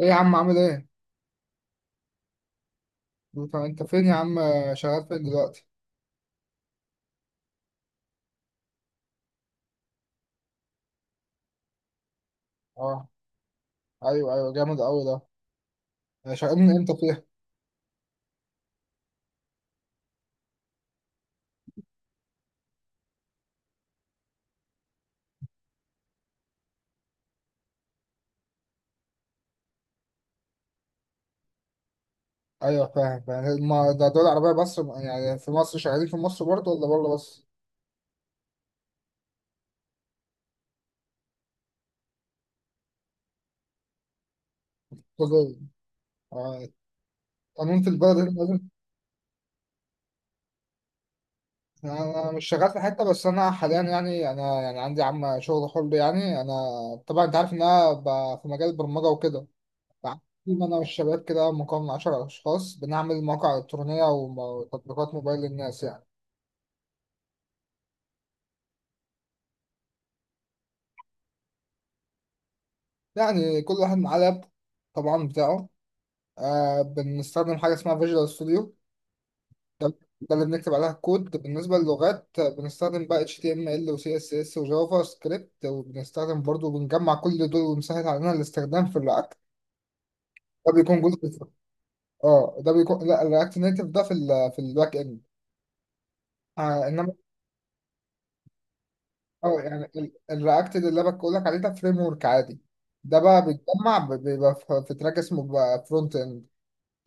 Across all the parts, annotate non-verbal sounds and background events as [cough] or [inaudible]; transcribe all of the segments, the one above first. ايه يا عم عامل ايه؟ انت فين يا عم. شغال فين دلوقتي؟ اه. ايوه، ايوه، جامد قوي ده. يعني شغال من امتى فيها؟ ايوه، فاهم فاهم. ما ده دول عربية، بس يعني في مصر شغالين في مصر برضه ولا بره بس؟ كله. اه. قانون في البلد هنا لازم. يعني انا مش شغال في حتة، بس انا حاليا، يعني انا يعني عندي عم شغل حر يعني انا. طبعا انت عارف ان انا في مجال البرمجة وكده. تيم انا والشباب كده مكون من 10 اشخاص، بنعمل مواقع الكترونية وتطبيقات موبايل للناس يعني. يعني كل واحد معاه لاب طبعا بتاعه. بنستخدم حاجة اسمها فيجوال ستوديو. ده ده اللي بنكتب عليها الكود. بالنسبة للغات، بنستخدم بقى HTML و CSS و JavaScript، وبنستخدم برضو بنجمع كل دول ومسهل علينا الاستخدام في الرياكت. ده بيكون جزء. اه ده بيكون، لا الرياكت نيتف ده في في الباك اند. انما. اه يعني الرياكت ده اللي انا بقول لك عليه ده فريم ورك عادي. ده بقى بيتجمع، بيبقى في تراك اسمه فرونت اند.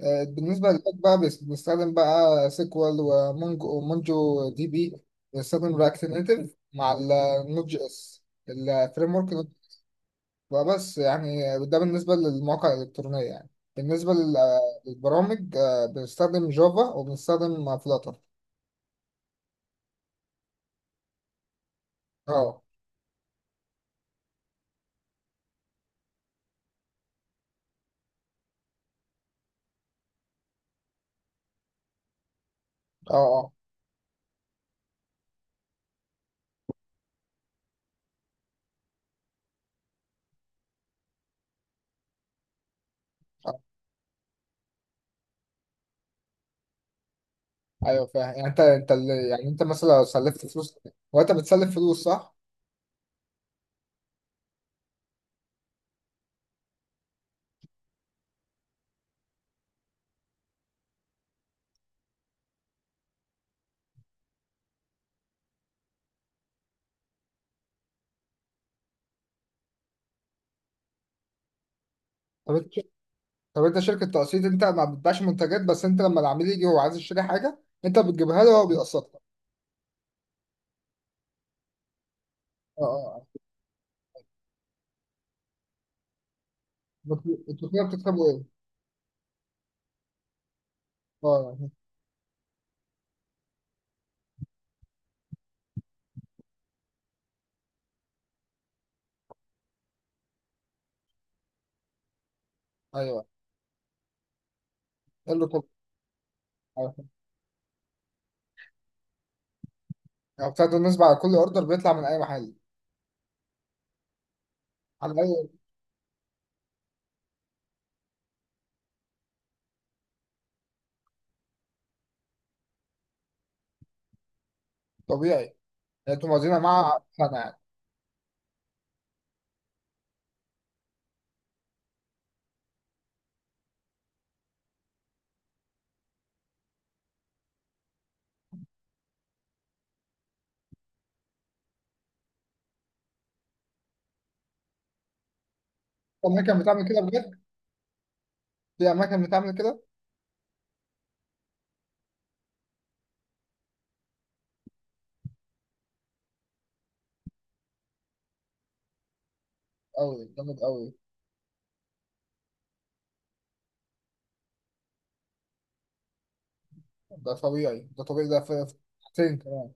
بالنسبة للباك بقى، بنستخدم بقى سيكوال ومونجو ومونجو دي بي. بنستخدم رياكت نيتف مع النوت جي اس الفريم ورك. وبس يعني، ده بالنسبة للمواقع الإلكترونية يعني. بالنسبة للبرامج، بنستخدم جافا وبنستخدم فلاتر. اه اه اه. آه. ايوه فاهم. يعني يعني انت مثلا لو سلفت فلوس، وانت بتسلف فلوس صح؟ طب انت طب انت شركه تقسيط. انت ما بتبيعش منتجات، بس انت لما العميل يجي هو عايز يشتري حاجه، انت بتجيبها له وهو بيقسطها. اه اه اه. انتوا كده بتكسبوا ايه؟ اه اه. ايوه، ايه اللي طب. ايوه، يعني بتاخدوا النسبه على كل اوردر بيطلع من اي محل، على اي. طبيعي. يعني انتوا موازينها مع سنه يعني. في اماكن بتعمل كده بجد، في اماكن بتعمل كده. قوي، جامد قوي. ده طبيعي، ده طبيعي، ده في حاجتين كمان.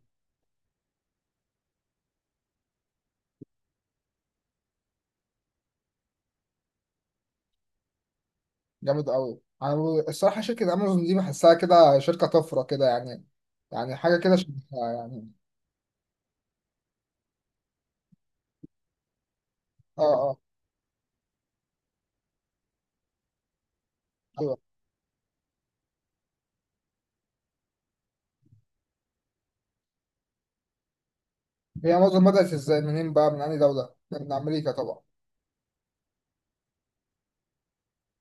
جامد قوي. انا الصراحه شركه امازون دي بحسها كده شركه طفره كده يعني. يعني حاجه كده يعني. اه اه. ايوه. هي معظم، بدأت ازاي منين بقى، من أنهي دولة؟ من أمريكا طبعا.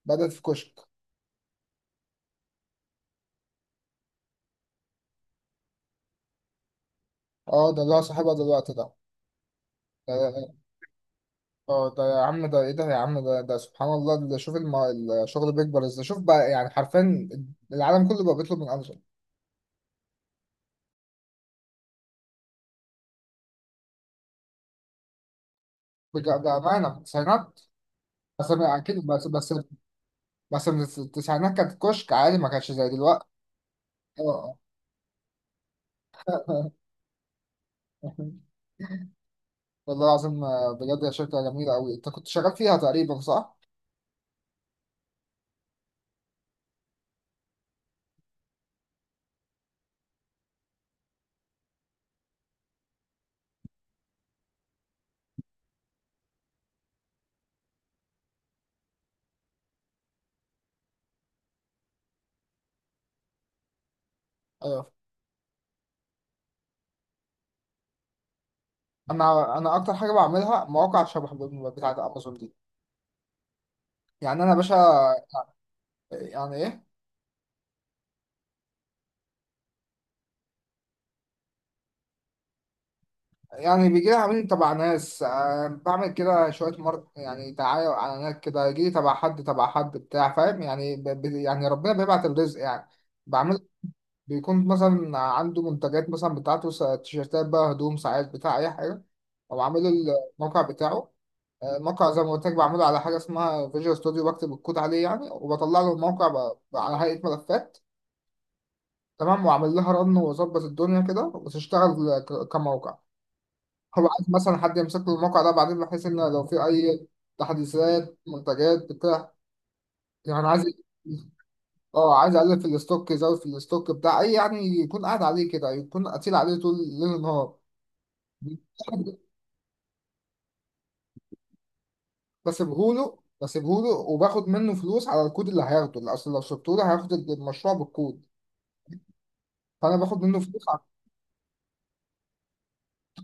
بدأت في كشك. اه ده اللي هو صاحبها دلوقتي ده. ده- اه ده يا عم، ده ايه ده يا عم، ده سبحان الله. ده شوف الشغل بيكبر ازاي. شوف بقى يعني حرفيا، العالم كله بقى بيطلب من امازون. بأمانة في التسعينات. بس أنا أكيد، بس. بس من التسعينات كانت كشك عادي، ما كانش زي دلوقتي. اه. آه. [laughs] والله العظيم. بجد يا شركة جميلة أوي، أنت كنت شغال فيها تقريبا صح؟ ايوه. انا اكتر حاجه بعملها مواقع شبه بتاعت امازون دي. يعني انا باشا، يعني ايه، يعني بيجي لي عميل تبع ناس، بعمل كده شويه مارك، يعني دعايه واعلانات كده. يجي لي تبع حد، تبع حد بتاع، فاهم يعني يعني ربنا بيبعت الرزق يعني. بعمل، بيكون مثلا عنده منتجات مثلا بتاعته، تيشيرتات بقى، هدوم، ساعات، بتاع اي حاجه. وبعمل له الموقع بتاعه. الموقع زي ما قلت لك بعمله على حاجه اسمها فيجوال ستوديو. بكتب الكود عليه يعني، وبطلع له الموقع على هيئه ملفات. تمام. وعمل لها رن وظبط الدنيا كده وتشتغل كموقع. هو عايز مثلا حد يمسك له الموقع ده بعدين، بحيث ان لو في اي تحديثات منتجات بتاع، يعني عايز، اه عايز اقلل في الاستوك، يزود في الاستوك بتاع اي، يعني يكون قاعد عليه كده، يكون قتيل عليه طول ليل نهار. بسيبهوله وباخد منه فلوس على الكود اللي هياخده، اللي اصل لو سبته له هياخد المشروع بالكود. فانا باخد منه فلوس.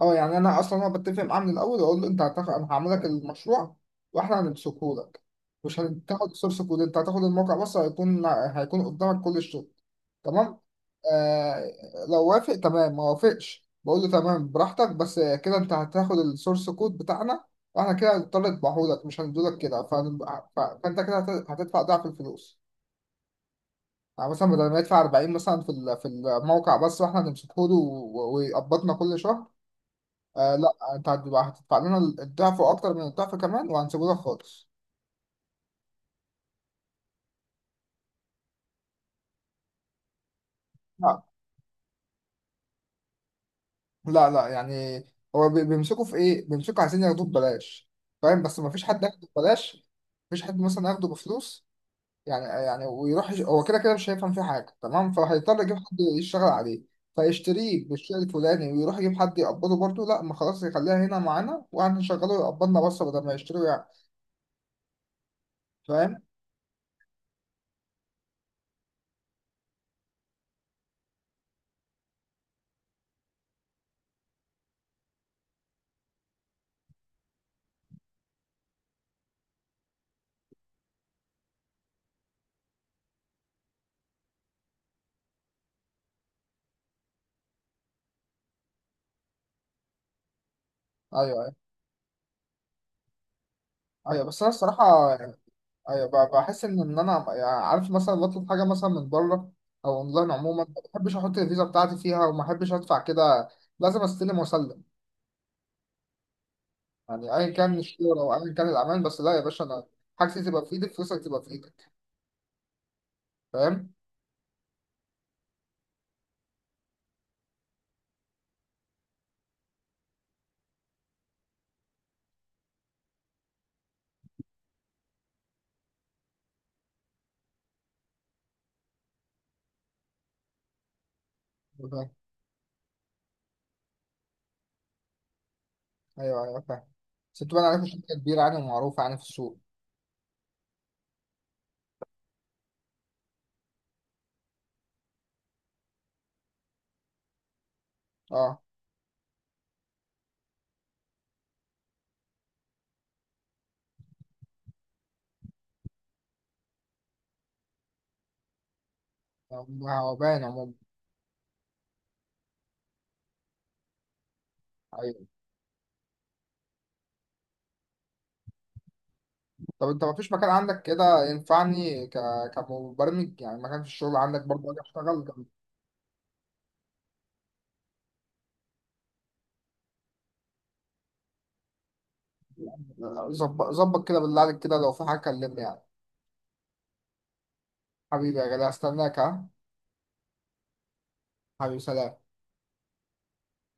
اه يعني انا اصلا انا بتفق معاه من الاول، واقول له انت هتاخد، انا هعمل لك المشروع واحنا هنمسكه لك. مش هتاخد السورس كود، انت هتاخد الموقع بس، هيكون قدامك كل الشغل. تمام. آه. لو وافق تمام، ما وافقش بقول له تمام براحتك، بس كده انت هتاخد السورس كود بتاعنا. واحنا كده هنضطر نطبعهولك، مش هندولك كده، فانت كده هتدفع ضعف الفلوس. يعني مثلا بدل ما يدفع 40 مثلا في في الموقع بس، واحنا هنمسكه له ويقبضنا كل شهر. آه لا، انت هتبقى هتدفع لنا الضعف، واكتر من الضعف كمان، وهنسيبه لك خالص. لا لا لا يعني. هو بيمسكوا في ايه، بيمسكوا عايزين ياخدوه ببلاش. فاهم، بس ما فيش حد ياخده ببلاش، مفيش حد مثلا ياخده بفلوس. يعني ويروح هو كده كده مش هيفهم فيه حاجه تمام. فهيضطر يجيب حد يشتغل عليه، فيشتريه بالشيء الفلاني ويروح يجيب حد يقبضه برضه. لا، ما خلاص يخليها هنا معانا وهنشغله يقبضنا بس، بدل ما يشتريه يعني. فاهم. ايوه، ايوه، ايوه. بس انا الصراحه، ايوه، بحس ان انا يعني عارف، مثلا بطلب حاجه مثلا من بره او اونلاين عموما، ما بحبش احط الفيزا بتاعتي فيها، وما بحبش ادفع كده. لازم استلم واسلم. يعني ايا كان الشغل او ايا كان الامان، بس لا يا باشا، انا حاجتي تبقى في ايدك، فلوسك تبقى في ايدك. فاهم؟ فاهم. ايوه، ايوه، فاهم. بس تبقى عارف شركه كبيره يعني، ومعروفه يعني في السوق. اه، ما هو باين عموما. ايوه. طب انت ما فيش مكان عندك كده ينفعني كمبرمج، يعني مكان في الشغل عندك برضه اجي اشتغل ظبط ظبط كده بالله عليك، كده لو في حاجه كلمني يعني. حبيبي يا غالي، هستناك ها. حبيبي سلام.